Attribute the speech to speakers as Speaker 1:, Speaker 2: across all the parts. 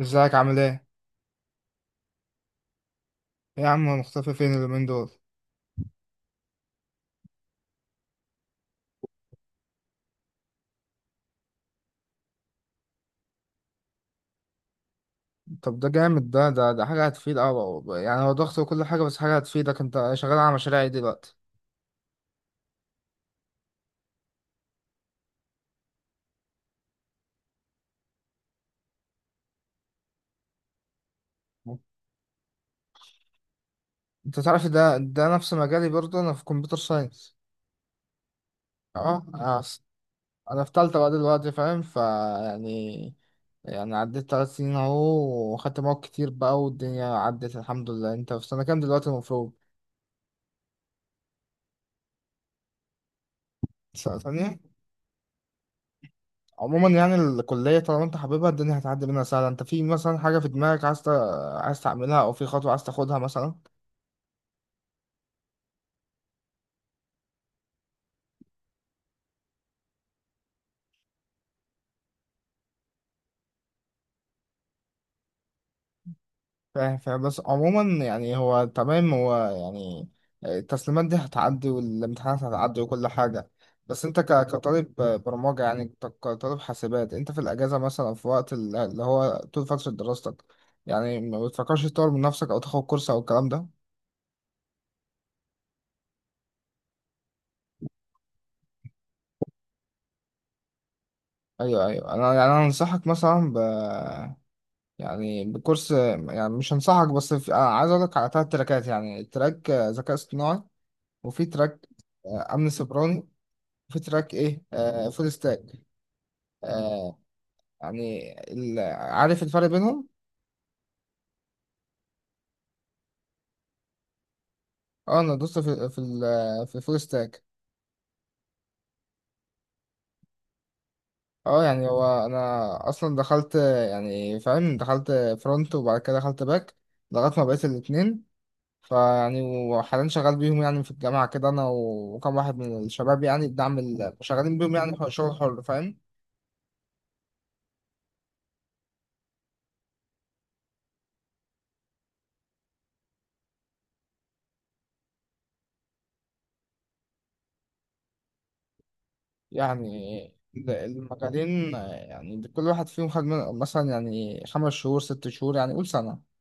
Speaker 1: ازيك عامل ايه؟ ايه يا عم مختفي فين اليومين دول؟ طب ده جامد، ده حاجة هتفيد أوي، يعني هو ضغط وكل حاجة، بس حاجة هتفيدك. انت شغال على مشاريع ايه دلوقتي؟ انت تعرف، ده نفس مجالي برضه، انا في كمبيوتر ساينس. اه، آه. انا في تالتة بقى دلوقتي، فاهم؟ يعني، يعني عديت تلات سنين اهو، وخدت مواد كتير بقى، والدنيا عدت الحمد لله. انت في سنة كام دلوقتي المفروض؟ سنة تانية؟ عموما يعني الكلية طالما انت حاببها، الدنيا هتعدي منها سهلة. انت في مثلا حاجة في دماغك عايز عايز تعملها، او في خطوة عايز تاخدها مثلا؟ فاهم فاهم، بس عموما، يعني هو تمام، هو يعني التسليمات دي هتعدي، والامتحانات هتعدي، وكل حاجة. بس انت كطالب برمجة، يعني كطالب حاسبات، انت في الاجازة مثلا أو في وقت اللي هو طول فترة دراستك، يعني ما بتفكرش تطور من نفسك او تاخد كورس او الكلام ده؟ ايوه، ايوه، انا يعني انا انصحك مثلا، يعني بكورس، يعني مش هنصحك، بس في عايز اقول لك على ثلاث تراكات، يعني تراك ذكاء اصطناعي، وفي تراك امن سيبراني، وفي تراك ايه فول ستاك. آه، يعني عارف الفرق بينهم؟ اه، انا دوست في في فول ستاك. اه، يعني هو انا اصلا دخلت، يعني فاهم، دخلت فرونت، وبعد كده دخلت باك، لغايه ما بقيت الاثنين. فيعني، وحاليا شغال بيهم يعني في الجامعة كده، أنا وكم واحد من الشباب، يعني بنعمل شغالين بيهم، يعني شغل حر، فاهم؟ يعني المجالين، يعني كل واحد فيهم خد مثلا، يعني خمس شهور ست شهور، يعني قول سنة.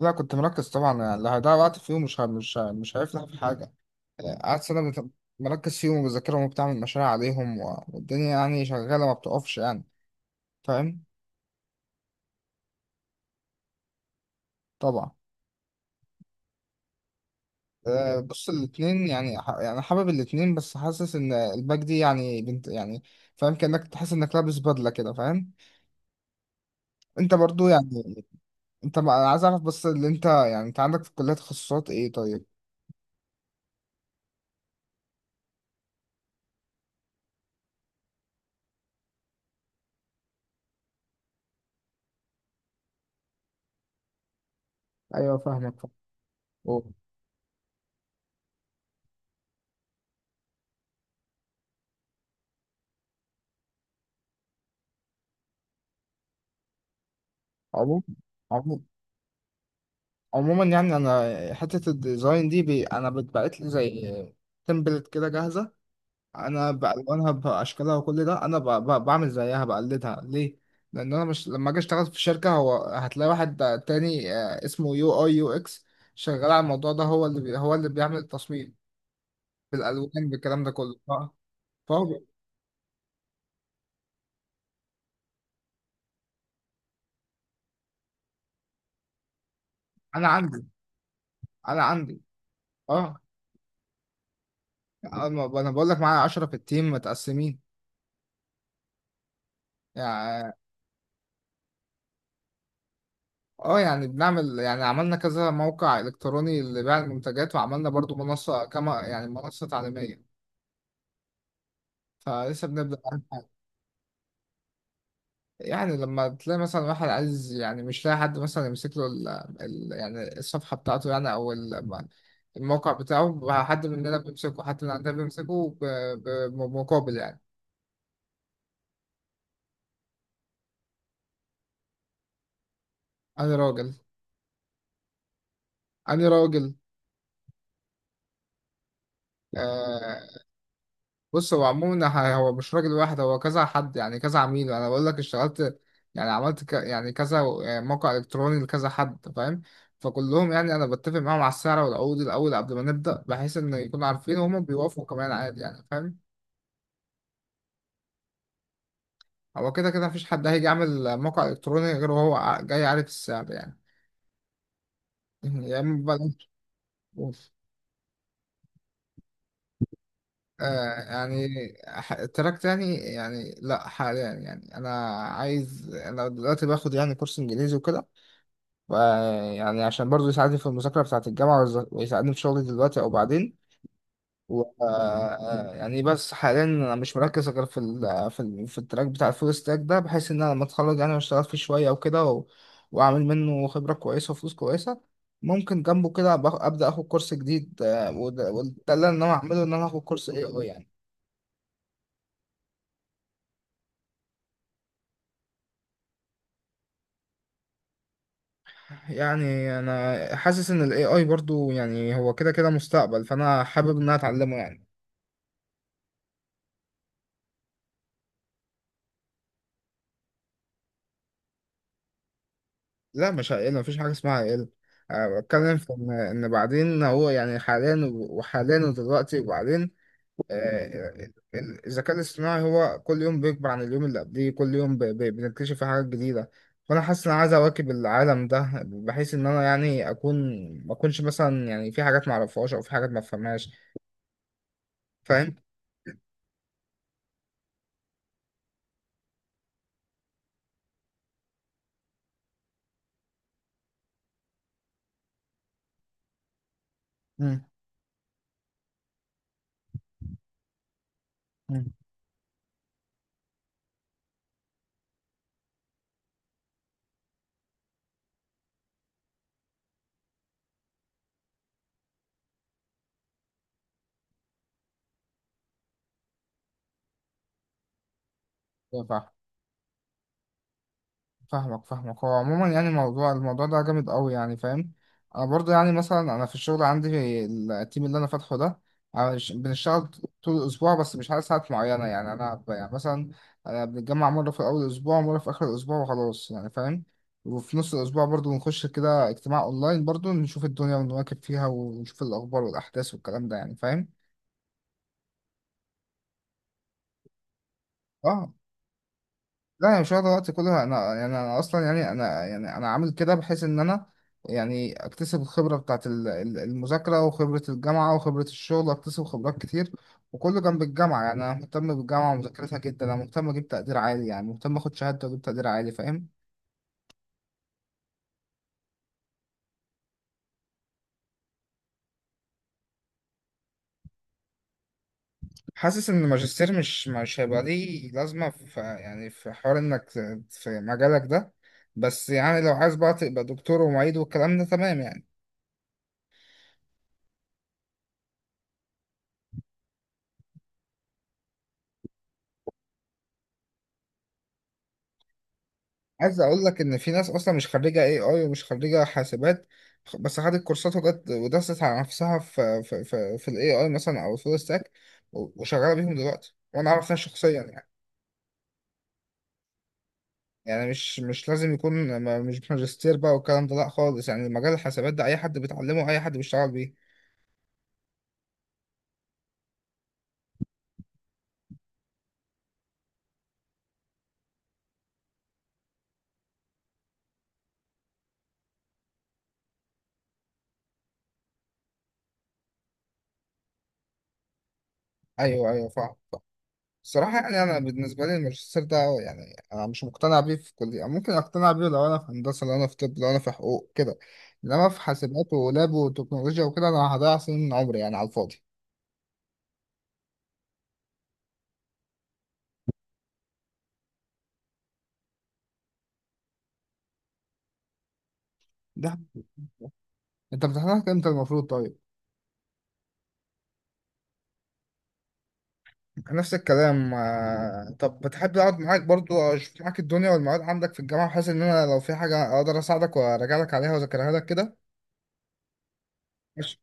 Speaker 1: لا، كنت مركز طبعا، يعني اللي هيضيع وقت فيهم مش هيفلح في حاجة. قعدت سنة مركز فيهم وبذاكرهم وبتعمل مشاريع عليهم، والدنيا يعني شغالة، ما بتقفش يعني. فاهم. طبعا. بص، الاثنين، يعني يعني حابب الاثنين، بس حاسس ان الباك دي يعني بنت، يعني فاهم، كأنك تحس انك لابس بدلة كده، فاهم. انت برضو يعني، انت ما- انا عايز اعرف بس، اللي انت يعني، انت عندك في الكلية تخصصات ايه طيب؟ ايوه، فاهمك فاهم. أوه. عموما عموما عموما، يعني انا حتة الديزاين دي، انا بتبعت لي زي تمبلت كده جاهزة، انا بالوانها باشكالها وكل ده، انا بعمل زيها، بقلدها ليه؟ لان انا مش لما اجي اشتغل في الشركه، هو هتلاقي واحد تاني اسمه يو اي يو اكس شغال على الموضوع ده، هو اللي هو اللي بيعمل التصميم بالالوان بالكلام ده كله، اه. فهو بي- انا عندي. انا عندي. اه، أنا بقول لك، معايا 10 في التيم متقسمين، يعني. اه، يعني يعني عملنا كذا موقع الكتروني لبيع المنتجات، وعملنا برضو منصه، كما يعني منصه تعليميه. فلسه بنبدا. يعني لما تلاقي مثلا واحد عايز، يعني مش لاقي حد مثلا يمسك له يعني الصفحة بتاعته، يعني أو الموقع بتاعه، حد مننا بيمسكه، حد من عندنا بيمسكه بمقابل، يعني. أنا راجل. أنا راجل. آه. بص، هو عموما هو مش راجل واحد، هو كذا حد، يعني كذا عميل، أنا بقول لك اشتغلت، يعني عملت يعني كذا موقع إلكتروني لكذا حد، فاهم؟ فكلهم يعني أنا بتفق معاهم على السعر والعقود الأول قبل ما نبدأ، بحيث إن يكونوا عارفين، وهم بيوافقوا كمان عادي، يعني فاهم. هو كده كده مفيش حد هيجي يعمل موقع إلكتروني غير وهو جاي عارف السعر، يعني. يعني بلاش فلوس. آه، يعني تراك تاني، يعني لا، حاليا يعني، أنا دلوقتي باخد يعني كورس إنجليزي وكده، ف- يعني عشان برضه يساعدني في المذاكرة بتاعة الجامعة، ويساعدني في شغلي دلوقتي أو بعدين. و يعني بس حاليا انا مش مركز غير في في في التراك بتاع الفول ستاك ده، بحيث ان انا لما اتخرج يعني واشتغل فيه شويه وكده، واعمل منه خبره كويسه وفلوس كويسه، ممكن جنبه كده ابدا اخد كورس جديد، وده اللي انا هعمله، ان انا اخد كورس اي اي، يعني. يعني انا حاسس ان الاي اي برضو يعني هو كده كده مستقبل، فانا حابب ان انا اتعلمه، يعني. لا، مش هقل، مفيش حاجه اسمها هقل. أه، بتكلم في إن بعدين، هو يعني حاليا، وحاليا، ودلوقتي، وبعدين. آه، الذكاء الاصطناعي هو كل يوم بيكبر عن اليوم اللي قبليه، كل يوم بنكتشف فيه حاجات جديدة. فأنا حاسس إن أنا عايز أواكب العالم ده، بحيث إن أنا يعني أكون، ما أكونش مثلا، يعني في حاجات ما أعرفهاش أو في حاجات ما أفهمهاش. فاهم؟ مم. مم. فاهمك فاهمك، هو عموما يعني الموضوع ده جامد قوي، يعني فاهم. انا برضو يعني، مثلا انا في الشغل عندي في التيم اللي انا فاتحه ده، بنشتغل طول الاسبوع، بس مش على ساعات معينه، يعني انا يعني مثلا أنا بنتجمع مره في اول الاسبوع، ومره في اخر الاسبوع، وخلاص يعني فاهم. وفي نص الاسبوع برضو بنخش كده اجتماع اونلاين، برضو نشوف الدنيا ونواكب فيها، ونشوف الاخبار والاحداث والكلام ده، يعني فاهم. اه. لا، يعني مش واخد الوقت كله، انا يعني انا اصلا، يعني انا، يعني انا عامل كده، بحيث ان انا يعني اكتسب الخبره بتاعت المذاكره، وخبره الجامعه وخبره الشغل، اكتسب خبرات كتير، وكله جنب الجامعه. يعني انا مهتم بالجامعه ومذاكرتها جدا، انا مهتم اجيب تقدير عالي، يعني مهتم اخد شهاده واجيب تقدير عالي، فاهم. حاسس ان الماجستير مش هيبقى ليه لازمه في، يعني في حوار انك في مجالك ده، بس يعني لو عايز بقى تبقى دكتور ومعيد والكلام ده، تمام يعني. عايز اقول لك ان في ناس اصلا مش خريجه اي اي ومش خريجه حاسبات، بس خدت كورسات، وجت ودست على نفسها في الاي اي مثلا او الفول ستاك، وشغاله بيهم دلوقتي، وانا اعرف ناس شخصيا، يعني. يعني مش لازم يكون مش ماجستير بقى والكلام ده، لا خالص، يعني مجال الحاسبات ده اي حد بيتعلمه، اي حد بيشتغل بيه. ايوه، ايوه، فاهم. الصراحة يعني أنا بالنسبة لي الماجستير ده، يعني أنا مش مقتنع بيه في كلية. ممكن أقتنع بيه لو أنا في هندسة، لو أنا في طب، لو أنا في حقوق كده، إنما في حاسبات ولاب وتكنولوجيا وكده، أنا هضيع سنين من عمري يعني على الفاضي. ده أنت بتحضرك إمتى المفروض طيب؟ نفس الكلام. طب بتحب أقعد معاك برضو، أشوف معاك الدنيا والمواد عندك في الجامعة، بحيث إن أنا لو في حاجة أقدر أساعدك وأراجع لك عليها وأذاكرها لك كده؟ ماشي.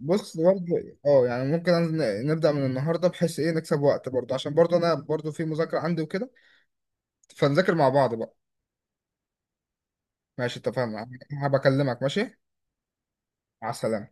Speaker 1: بص برضه، اه، يعني ممكن نبدأ من النهارده، بحيث ايه نكسب وقت، برضه عشان برضه انا برضه في مذاكرة عندي وكده، فنذاكر مع بعض بقى. ماشي، اتفقنا. هبكلمك. ماشي. مع السلامة.